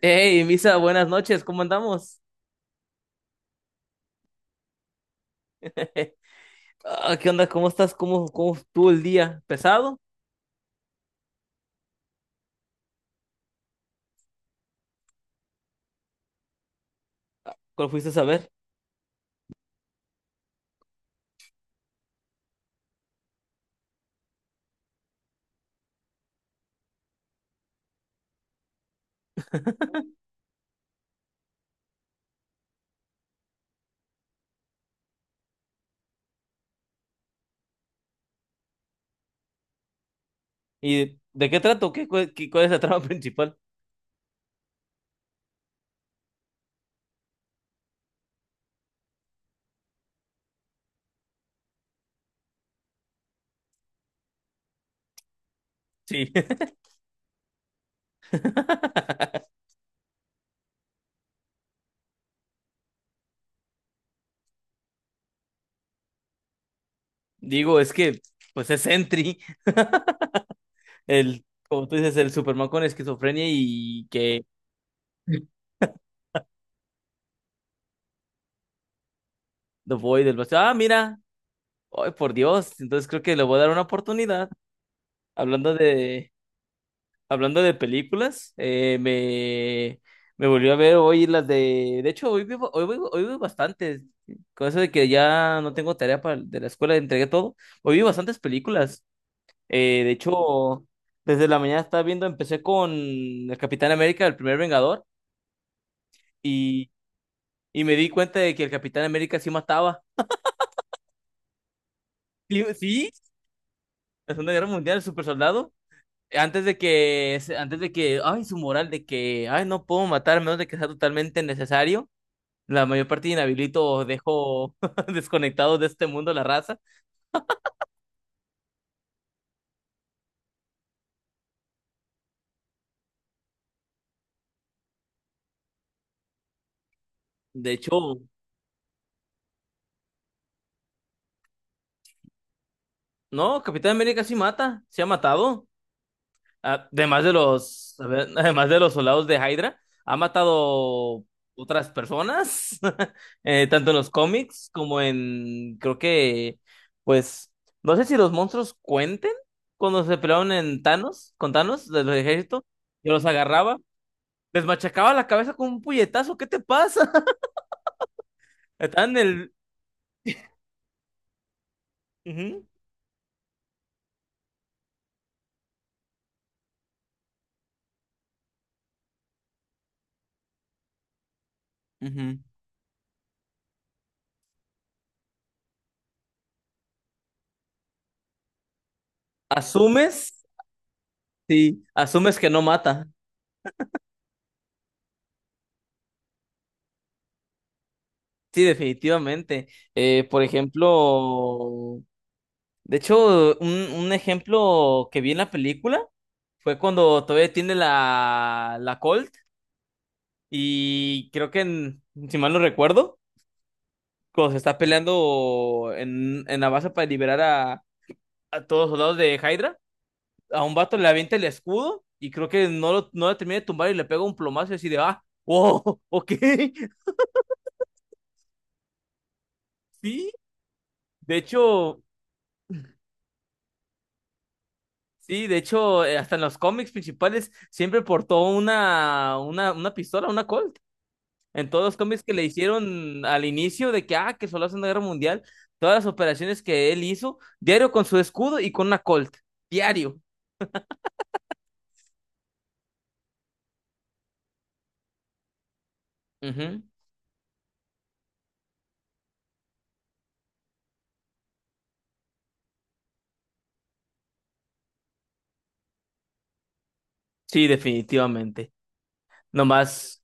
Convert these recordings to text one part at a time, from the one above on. Hey, Misa, buenas noches, ¿cómo andamos? Ah, ¿qué onda? ¿Cómo estás? ¿Cómo estuvo el día? ¿Pesado? ¿Cuál fuiste a ver? ¿Y de qué trato? ¿Cuál es la trama principal? Sí. Digo, es que, pues es Sentry, el, como tú dices, el Superman con esquizofrenia y que lo voy del vacío. Ah, mira, ay, por Dios, entonces creo que le voy a dar una oportunidad. Hablando de, Hablando de películas, me volvió a ver hoy las de... De hecho, hoy vi, hoy vi bastantes. Con eso de que ya no tengo de la escuela, entregué todo. Hoy vi bastantes películas. Eh, de hecho, desde la mañana estaba viendo, empecé con el Capitán América, el primer Vengador, y, y me di cuenta de que el Capitán América sí mataba. Sí, sí, la Segunda Guerra Mundial, el super soldado. Antes de que, ay, su moral de que, ay, no puedo matar a menos de que sea totalmente necesario. La mayor parte de inhabilito os dejo desconectados de este mundo la raza. De hecho, no, Capitán América sí mata, sí ha matado. Además de los, a ver, además de los soldados de Hydra, ha matado otras personas, tanto en los cómics como en, creo que, pues, no sé si los monstruos cuenten cuando se pelearon en Thanos, con Thanos, de los ejércitos, yo los agarraba, les machacaba la cabeza con un puñetazo, ¿qué te pasa? Estaban en el... Ujú. Ujú. ¿Asumes? Sí, asumes que no mata. Sí, definitivamente. Por ejemplo, de hecho, un ejemplo que vi en la película fue cuando todavía tiene la Colt y creo que, si mal no recuerdo, cuando se está peleando en la base para liberar a todos los soldados de Hydra, a un vato le avienta el escudo y creo que no lo termina de tumbar y le pega un plomazo y así de, ah, wow, ok, sí. De hecho, sí, de hecho, hasta en los cómics principales siempre portó una pistola, una Colt. En todos los cómics que le hicieron al inicio de que, ah, que solo hace una guerra mundial, todas las operaciones que él hizo, diario con su escudo y con una Colt, diario. Ujú. Sí, definitivamente. Nomás,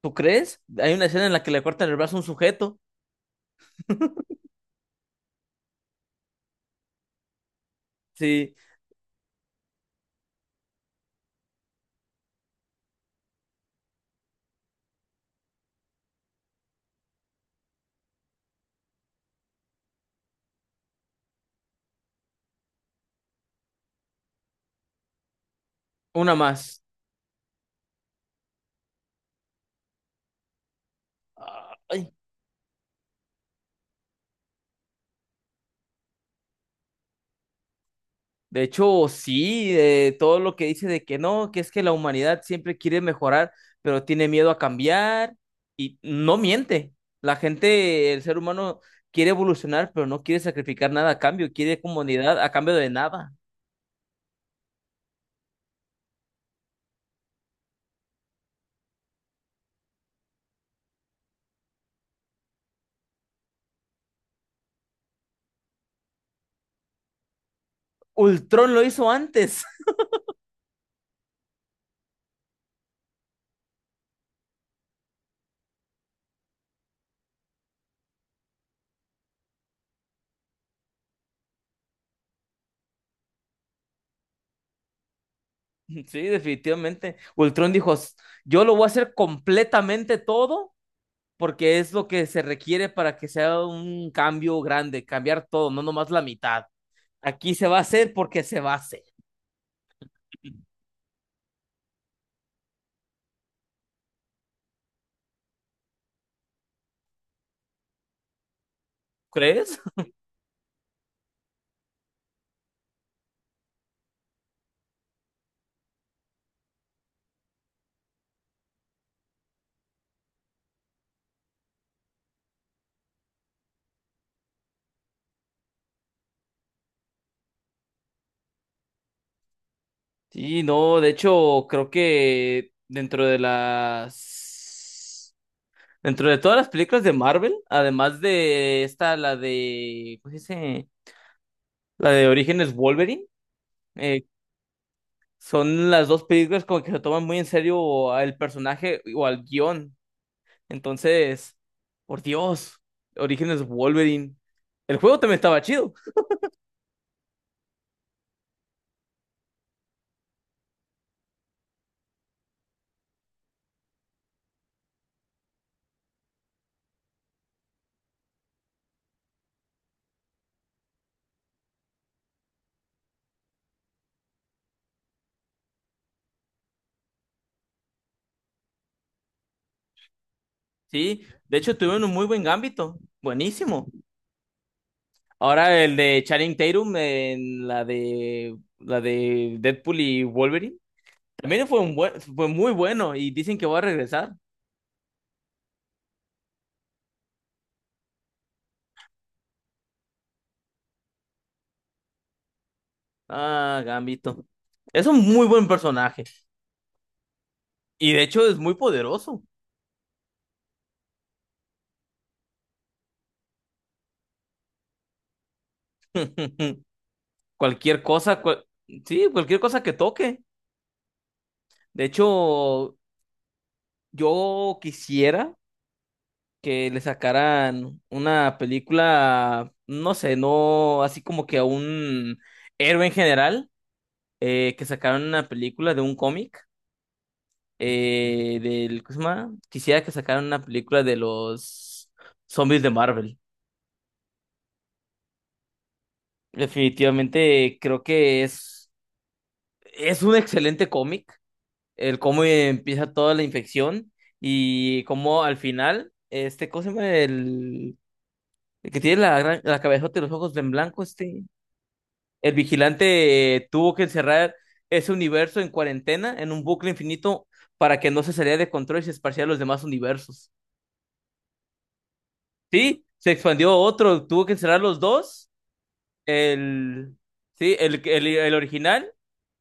¿tú crees? Hay una escena en la que le cortan el brazo a un sujeto. Sí, una más. Ay, de hecho, sí, todo lo que dice de que no, que es que la humanidad siempre quiere mejorar, pero tiene miedo a cambiar y no miente. La gente, el ser humano quiere evolucionar, pero no quiere sacrificar nada a cambio, quiere comunidad a cambio de nada. Ultron lo hizo antes. Sí, definitivamente. Ultron dijo, "S- yo lo voy a hacer completamente todo porque es lo que se requiere para que sea un cambio grande, cambiar todo, no nomás la mitad. Aquí se va a hacer porque se va a hacer. ¿Crees? Sí, no, de hecho, creo que dentro de las... Dentro de todas las películas de Marvel, además de esta, la de... ¿Cómo se dice? La de Orígenes Wolverine, eh, son las dos películas como que se toman muy en serio al personaje o al guión. Entonces, por Dios, Orígenes Wolverine. El juego también estaba chido, ¿sí? De hecho, tuvieron un muy buen ámbito, buenísimo. Ahora el de Channing Tatum en la de Deadpool y Wolverine. También fue un buen, fue muy bueno y dicen que va a regresar. Ah, Gambito. Es un muy buen personaje y de hecho es muy poderoso. Cualquier cosa, sí, cualquier cosa que toque. De hecho, yo quisiera que le sacaran una película, no sé, no así como que a un héroe en general que sacaron una película de un cómic, ¿cómo se llama? Quisiera que sacaran una película de los zombies de Marvel. Definitivamente creo que es un excelente cómic, el cómo empieza toda la infección y cómo al final, este, ¿cómo se llama? El que tiene la cabezota y los ojos en blanco, este. El vigilante tuvo que encerrar ese universo en cuarentena, en un bucle infinito, para que no se saliera de control y se esparciera a los demás universos. Sí, se expandió a otro, tuvo que encerrar los dos, el, sí, el original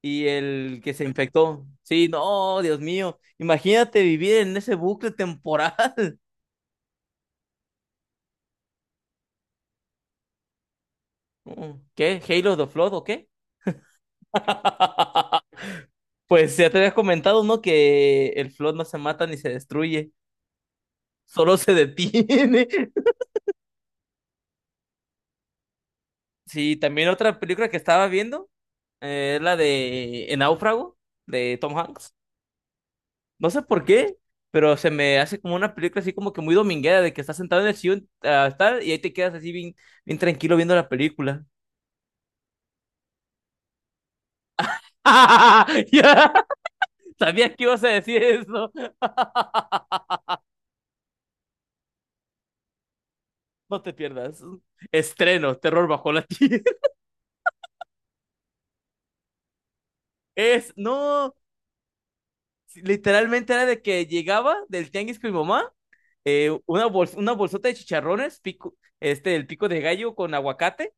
y el que se infectó. Sí, no, Dios mío, imagínate vivir en ese bucle temporal. Mm, ¿qué? ¿Halo the Flood o qué? Pues ya te había comentado, ¿no? Que el Flood no se mata ni se destruye. Solo se detiene. Sí, también otra película que estaba viendo es la de El Náufrago de Tom Hanks. No sé por qué, pero se me hace como una película así como que muy dominguera de que estás sentado en el sillón ah, tal, y ahí te quedas así bien tranquilo viendo la película. Ya, sabía que ibas a decir eso. No te pierdas. Estreno, terror bajo la tierra. Es, no, literalmente era de que llegaba del tianguis con mi mamá una bolsota de chicharrones, pico, este, el pico de gallo con aguacate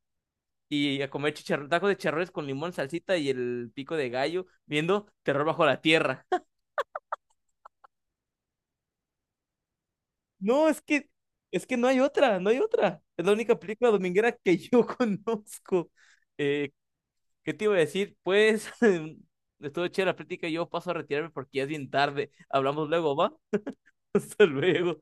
y a comer chicharr tacos de chicharrones con limón, salsita y el pico de gallo viendo Terror bajo la tierra. No, es que no hay otra, no hay otra. Es la única película dominguera que yo conozco. Eh, ¿Qué te iba a decir? Pues estuvo chévere la plática y yo paso a retirarme porque ya es bien tarde. Hablamos luego, ¿va? Hasta luego.